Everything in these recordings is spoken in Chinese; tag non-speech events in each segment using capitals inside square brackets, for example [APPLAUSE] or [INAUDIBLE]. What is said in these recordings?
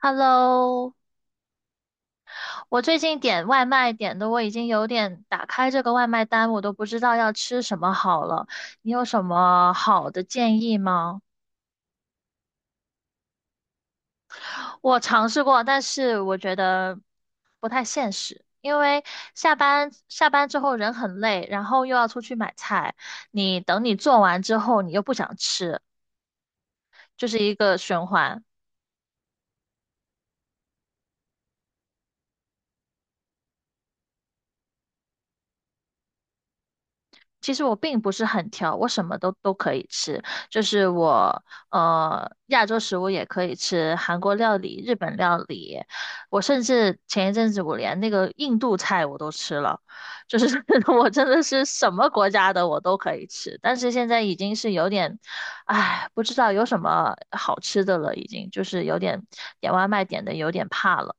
Hello，我最近点外卖点的，我已经有点打开这个外卖单，我都不知道要吃什么好了。你有什么好的建议吗？我尝试过，但是我觉得不太现实，因为下班之后人很累，然后又要出去买菜，你等你做完之后，你又不想吃，就是一个循环。其实我并不是很挑，我什么都可以吃，就是我亚洲食物也可以吃，韩国料理、日本料理，我甚至前一阵子我连那个印度菜我都吃了，就是 [LAUGHS] 我真的是什么国家的我都可以吃，但是现在已经是有点，唉，不知道有什么好吃的了，已经就是有点点外卖点的有点怕了。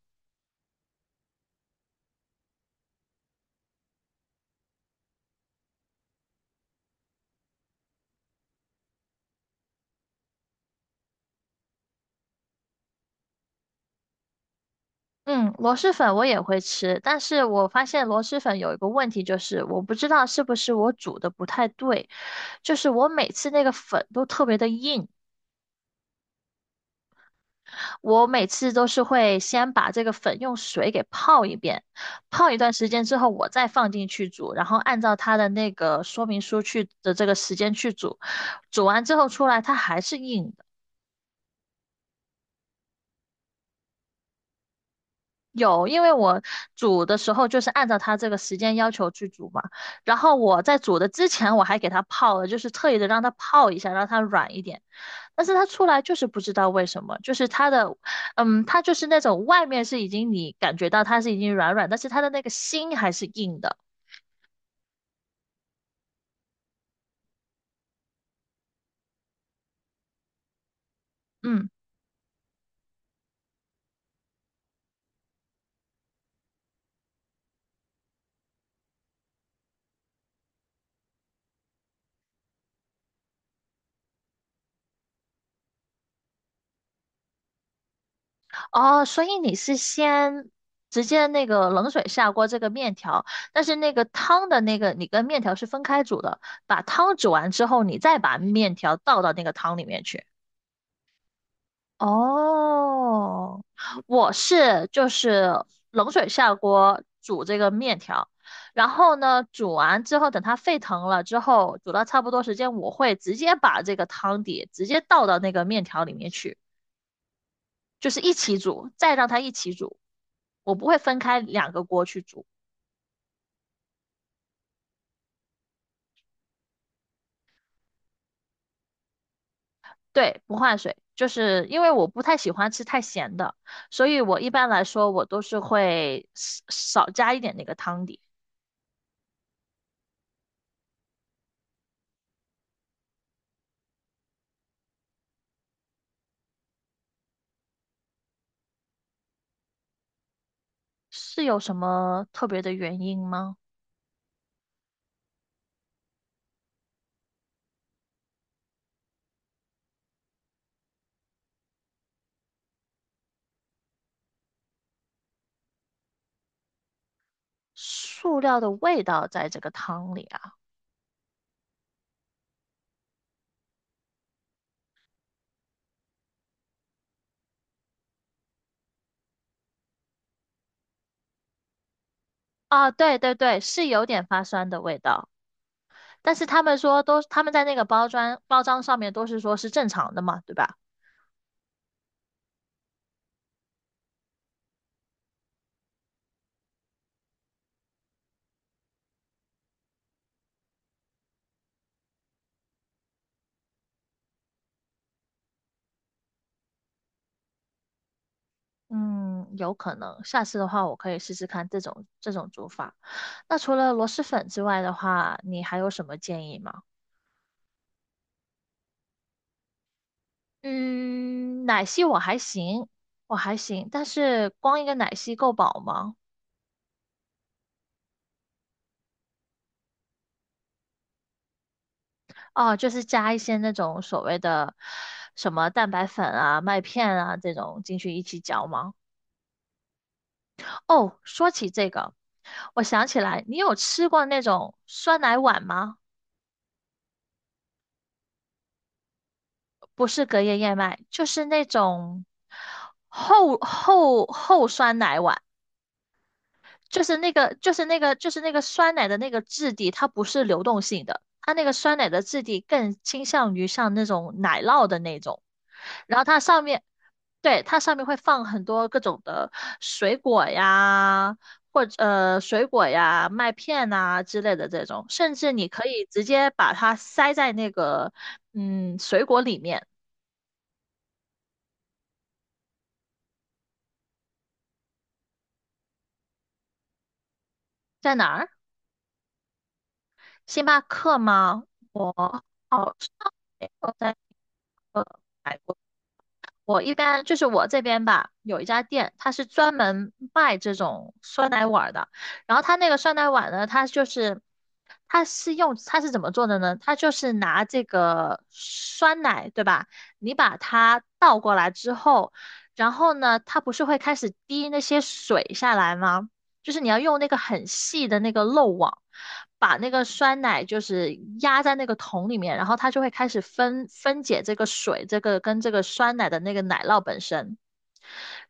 嗯，螺蛳粉我也会吃，但是我发现螺蛳粉有一个问题，就是我不知道是不是我煮的不太对，就是我每次那个粉都特别的硬，我每次都是会先把这个粉用水给泡一遍，泡一段时间之后我再放进去煮，然后按照它的那个说明书去的这个时间去煮，煮完之后出来它还是硬。有，因为我煮的时候就是按照它这个时间要求去煮嘛。然后我在煮的之前，我还给它泡了，就是特意的让它泡一下，让它软一点。但是它出来就是不知道为什么，就是它的，嗯，它就是那种外面是已经你感觉到它是已经软软，但是它的那个心还是硬的。嗯。哦，所以你是先直接那个冷水下锅这个面条，但是那个汤的那个你跟面条是分开煮的，把汤煮完之后，你再把面条倒到那个汤里面去。哦，我是就是冷水下锅煮这个面条，然后呢，煮完之后等它沸腾了之后，煮到差不多时间，我会直接把这个汤底直接倒到那个面条里面去。就是一起煮，再让它一起煮，我不会分开两个锅去煮。对，不换水，就是因为我不太喜欢吃太咸的，所以我一般来说我都是会少加一点那个汤底。是有什么特别的原因吗？塑料的味道在这个汤里啊？啊，对对对，是有点发酸的味道，但是他们说都，他们在那个包装上面都是说是正常的嘛，对吧？嗯，有可能，下次的话我可以试试看这种煮法。那除了螺蛳粉之外的话，你还有什么建议吗？嗯，奶昔我还行，我还行，但是光一个奶昔够饱吗？哦，就是加一些那种所谓的什么蛋白粉啊、麦片啊这种进去一起嚼吗？哦，说起这个，我想起来，你有吃过那种酸奶碗吗？不是隔夜燕麦，就是那种厚酸奶碗，就是那个酸奶的那个质地，它不是流动性的，它那个酸奶的质地更倾向于像那种奶酪的那种，然后它上面，对，它上面会放很多各种的水果呀。或者水果呀、麦片呐、之类的这种，甚至你可以直接把它塞在那个嗯水果里面，在哪儿？星巴克吗？我好像没有在，呃，我一般就是我这边吧，有一家店，它是专门卖这种酸奶碗儿的。然后它那个酸奶碗呢，它就是它是用它是怎么做的呢？它就是拿这个酸奶，对吧？你把它倒过来之后，然后呢，它不是会开始滴那些水下来吗？就是你要用那个很细的那个漏网，把那个酸奶就是压在那个桶里面，然后它就会开始分解这个水，这个跟这个酸奶的那个奶酪本身，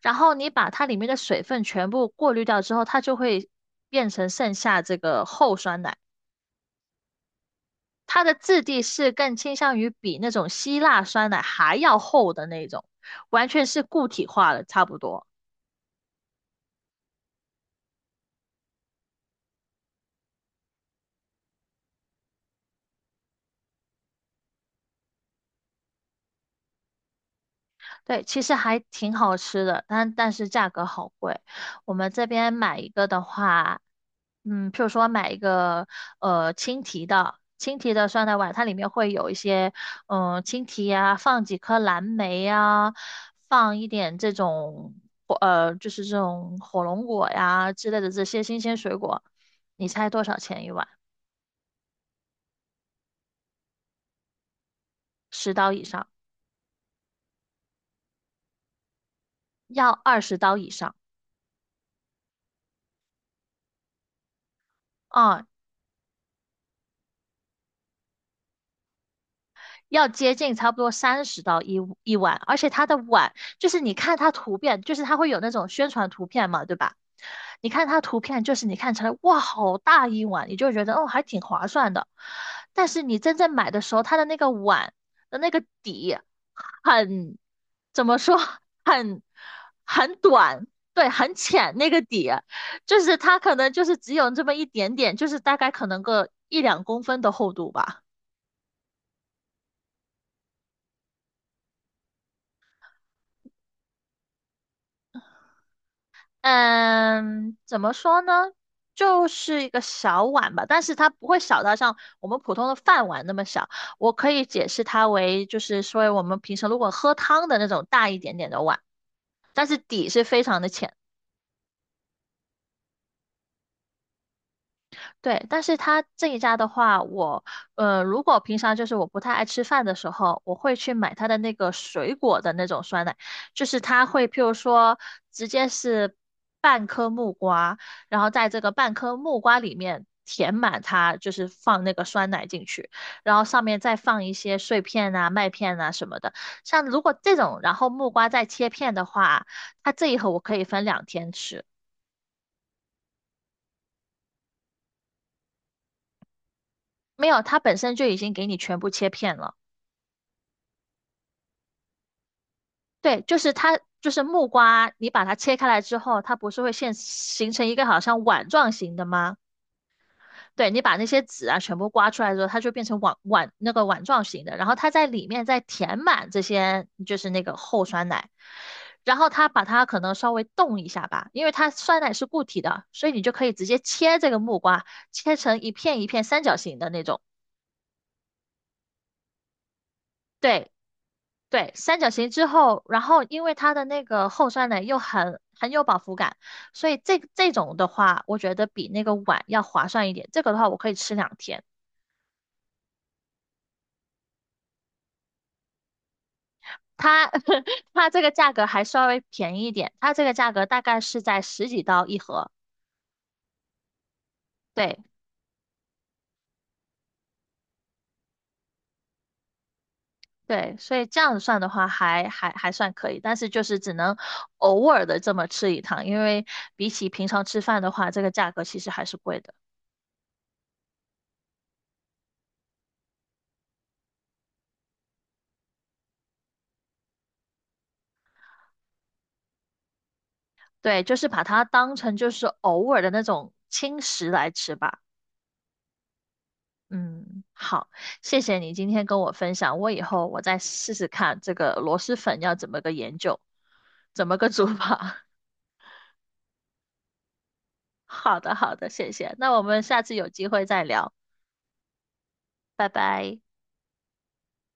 然后你把它里面的水分全部过滤掉之后，它就会变成剩下这个厚酸奶。它的质地是更倾向于比那种希腊酸奶还要厚的那种，完全是固体化了，差不多。对，其实还挺好吃的，但是价格好贵。我们这边买一个的话，嗯，譬如说买一个青提的，青提的酸奶碗，它里面会有一些嗯、青提呀、放几颗蓝莓呀、放一点这种就是这种火龙果呀之类的这些新鲜水果。你猜多少钱一碗？十刀以上，要20刀以上。啊、要接近差不多三十到一碗，而且它的碗就是你看它图片，就是它会有那种宣传图片嘛，对吧？你看它图片，就是你看起来哇，好大一碗，你就觉得哦，还挺划算的。但是你真正买的时候，它的那个碗的那个底很，怎么说，[LAUGHS] 很很短，对，很浅那个底，就是它可能就是只有这么一点点，就是大概可能个一两公分的厚度吧。嗯，怎么说呢？就是一个小碗吧，但是它不会小到像我们普通的饭碗那么小。我可以解释它为，就是说我们平时如果喝汤的那种大一点点的碗，但是底是非常的浅。对，但是它这一家的话，如果平常就是我不太爱吃饭的时候，我会去买它的那个水果的那种酸奶，就是它会譬如说直接是半颗木瓜，然后在这个半颗木瓜里面填满它，就是放那个酸奶进去，然后上面再放一些碎片啊、麦片啊什么的。像如果这种，然后木瓜再切片的话，它这一盒我可以分2天吃，没有，它本身就已经给你全部切片了。对，就是它，就是木瓜，你把它切开来之后，它不是会现形成一个好像碗状型的吗？对，你把那些籽啊全部刮出来之后，它就变成碗那个碗状型的，然后它在里面再填满这些，就是那个厚酸奶，然后它把它可能稍微冻一下吧，因为它酸奶是固体的，所以你就可以直接切这个木瓜，切成一片一片三角形的那种。对，对，三角形之后，然后因为它的那个厚酸奶又很有饱腹感，所以这这种的话，我觉得比那个碗要划算一点。这个的话，我可以吃2天。它 [LAUGHS] 它这个价格还稍微便宜一点，它这个价格大概是在十几刀一盒。对对，所以这样子算的话还，还算可以，但是就是只能偶尔的这么吃一趟，因为比起平常吃饭的话，这个价格其实还是贵的。对，就是把它当成就是偶尔的那种轻食来吃吧。嗯，好，谢谢你今天跟我分享，我以后我再试试看这个螺蛳粉要怎么个研究，怎么个煮法。[LAUGHS] 好的，好的，谢谢。那我们下次有机会再聊，拜拜。